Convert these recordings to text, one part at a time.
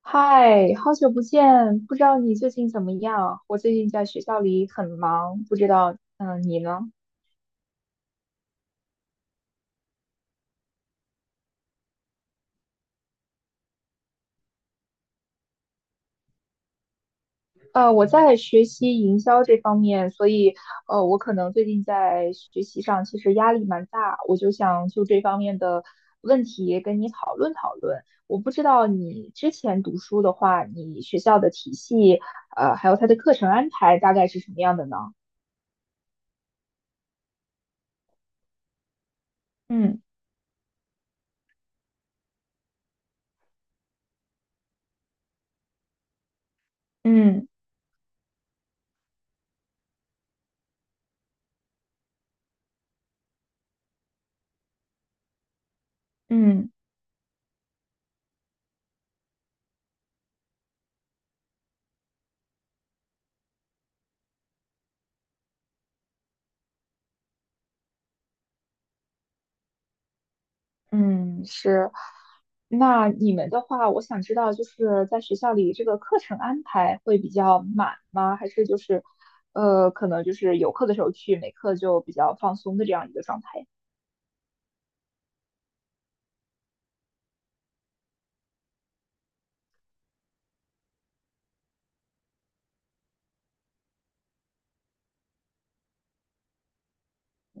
嗨，好久不见，不知道你最近怎么样？我最近在学校里很忙，不知道，你呢？我在学习营销这方面，所以，我可能最近在学习上其实压力蛮大，我就想就这方面的问题跟你讨论讨论。我不知道你之前读书的话，你学校的体系，还有它的课程安排大概是什么样的呢？嗯嗯嗯，嗯，是。那你们的话，我想知道，就是在学校里这个课程安排会比较满吗？还是就是，可能就是有课的时候去，没课就比较放松的这样一个状态？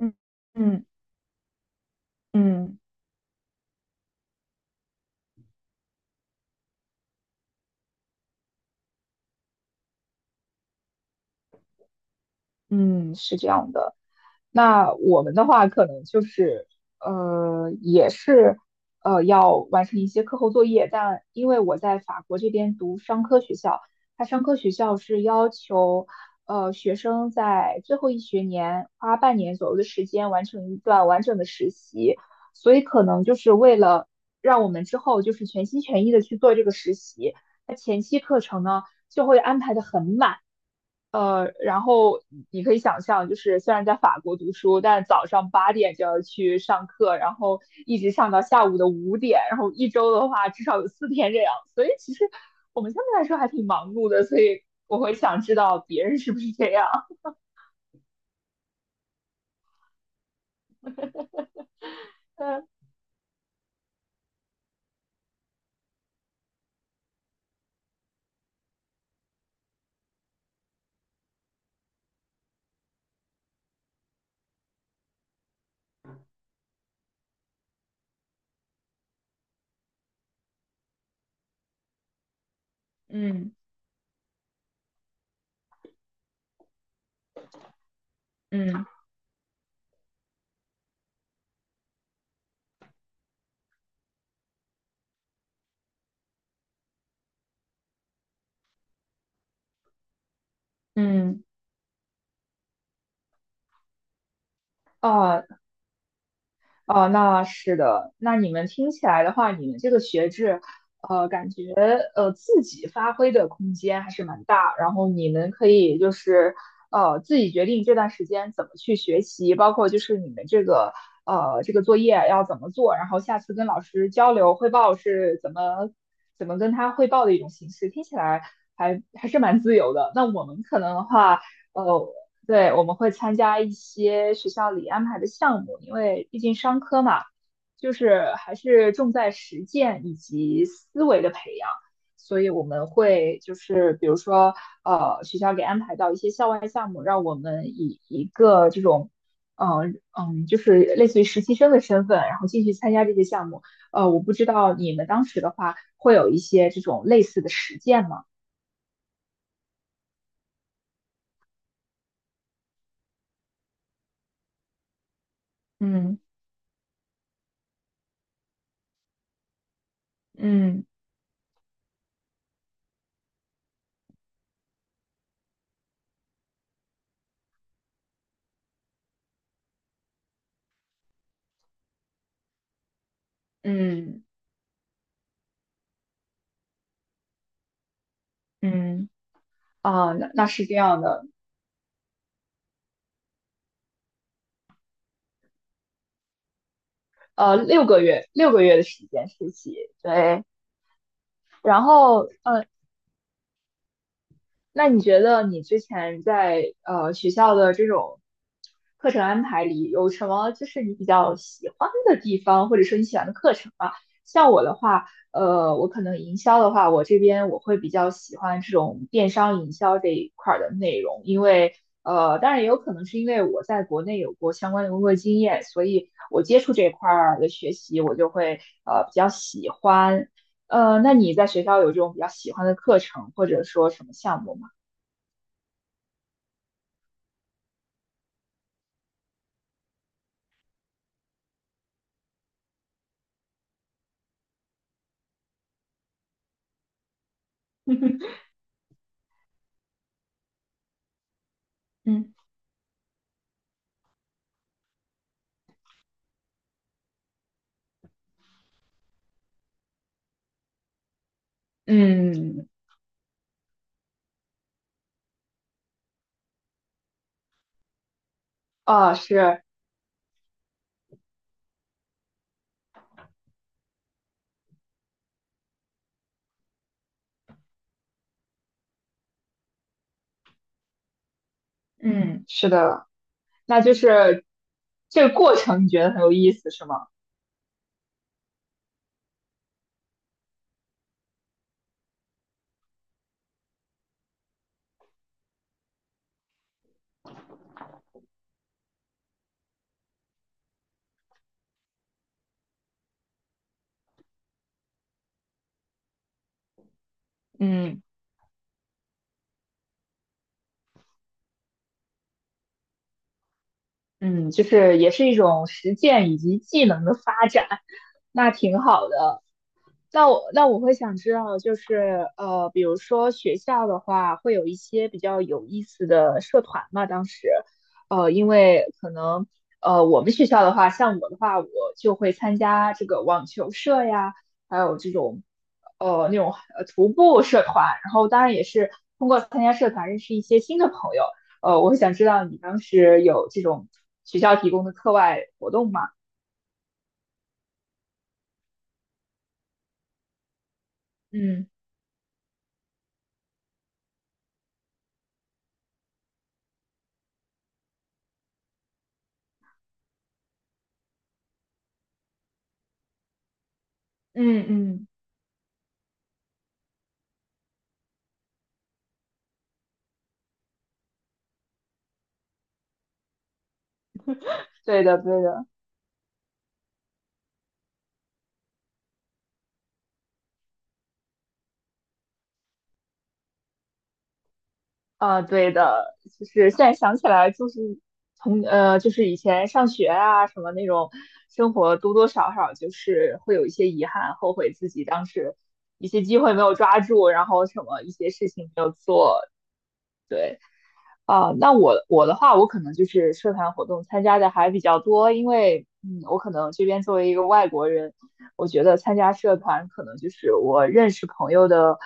嗯嗯嗯嗯，是这样的。那我们的话可能就是也是要完成一些课后作业，但因为我在法国这边读商科学校，它商科学校是要求学生在最后一学年花半年左右的时间完成一段完整的实习，所以可能就是为了让我们之后就是全心全意的去做这个实习，那前期课程呢就会安排的很满。然后你可以想象，就是虽然在法国读书，但早上八点就要去上课，然后一直上到下午的五点，然后一周的话至少有四天这样，所以其实我们相对来说还挺忙碌的，所以我会想知道别人是不是这样。嗯嗯嗯嗯，啊、哦，那是的。那你们听起来的话，你们这个学制，感觉自己发挥的空间还是蛮大。然后你们可以就是自己决定这段时间怎么去学习，包括就是你们这个这个作业要怎么做，然后下次跟老师交流汇报是怎么跟他汇报的一种形式。听起来还是蛮自由的。那我们可能的话。呃。对，我们会参加一些学校里安排的项目，因为毕竟商科嘛，就是还是重在实践以及思维的培养，所以我们会就是比如说，学校给安排到一些校外项目，让我们以一个这种，就是类似于实习生的身份，然后进去参加这些项目。我不知道你们当时的话会有一些这种类似的实践吗？嗯嗯嗯嗯。啊，那是这样的，六个月，六个月的时间实习，对，然后，那你觉得你之前在学校的这种课程安排里，有什么就是你比较喜欢的地方，或者说你喜欢的课程啊？像我的话，我可能营销的话，我这边我会比较喜欢这种电商营销这一块儿的内容，因为当然也有可能是因为我在国内有过相关的工作经验，所以我接触这一块儿的学习，我就会比较喜欢。那你在学校有这种比较喜欢的课程，或者说什么项目吗？嗯嗯，嗯哦，是，嗯嗯是的，那就是这个过程，你觉得很有意思，是吗？嗯嗯，就是也是一种实践以及技能的发展，那挺好的。那我会想知道，就是比如说学校的话，会有一些比较有意思的社团嘛。当时，因为可能我们学校的话，像我的话，我就会参加这个网球社呀，还有那种徒步社团。然后当然也是通过参加社团认识一些新的朋友。我会想知道你当时有这种学校提供的课外活动吗？嗯嗯嗯，对的对的。啊，对的，就是现在想起来，就是从就是以前上学啊，什么那种生活，多多少少就是会有一些遗憾，后悔自己当时一些机会没有抓住，然后什么一些事情没有做，对。啊，那我的话，我可能就是社团活动参加的还比较多，因为我可能这边作为一个外国人，我觉得参加社团可能就是我认识朋友的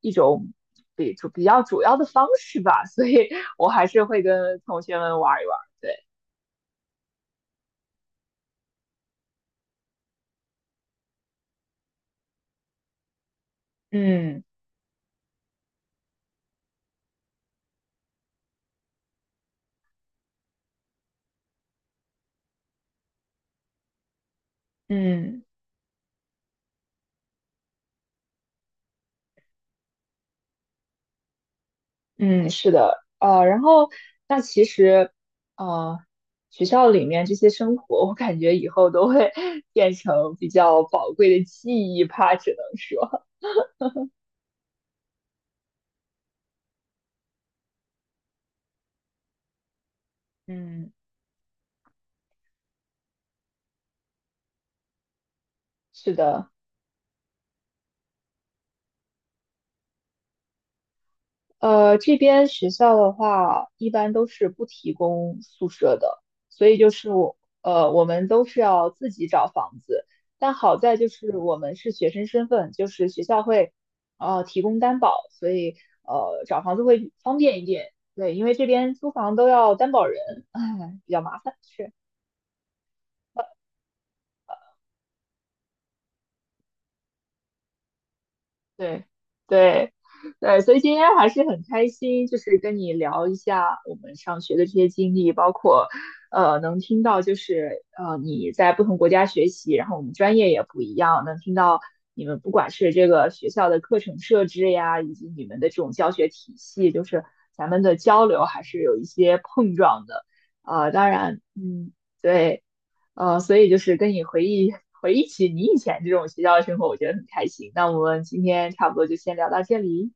一种比较主要的方式吧，所以我还是会跟同学们玩一玩。对，嗯嗯嗯，是的，然后那其实呃，学校里面这些生活，我感觉以后都会 变成比较宝贵的记忆吧，只能说。嗯是的，这边学校的话，一般都是不提供宿舍的，所以就是我，我们都是要自己找房子。但好在就是我们是学生身份，就是学校会，提供担保，所以找房子会方便一点。对，因为这边租房都要担保人，唉，比较麻烦。是。对对对，所以今天还是很开心，就是跟你聊一下我们上学的这些经历，包括能听到就是你在不同国家学习，然后我们专业也不一样，能听到你们不管是这个学校的课程设置呀，以及你们的这种教学体系，就是咱们的交流还是有一些碰撞的。当然，对。所以就是跟你回忆起你以前这种学校的生活，我觉得很开心。那我们今天差不多就先聊到这里，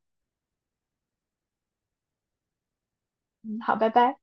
嗯，好，拜拜。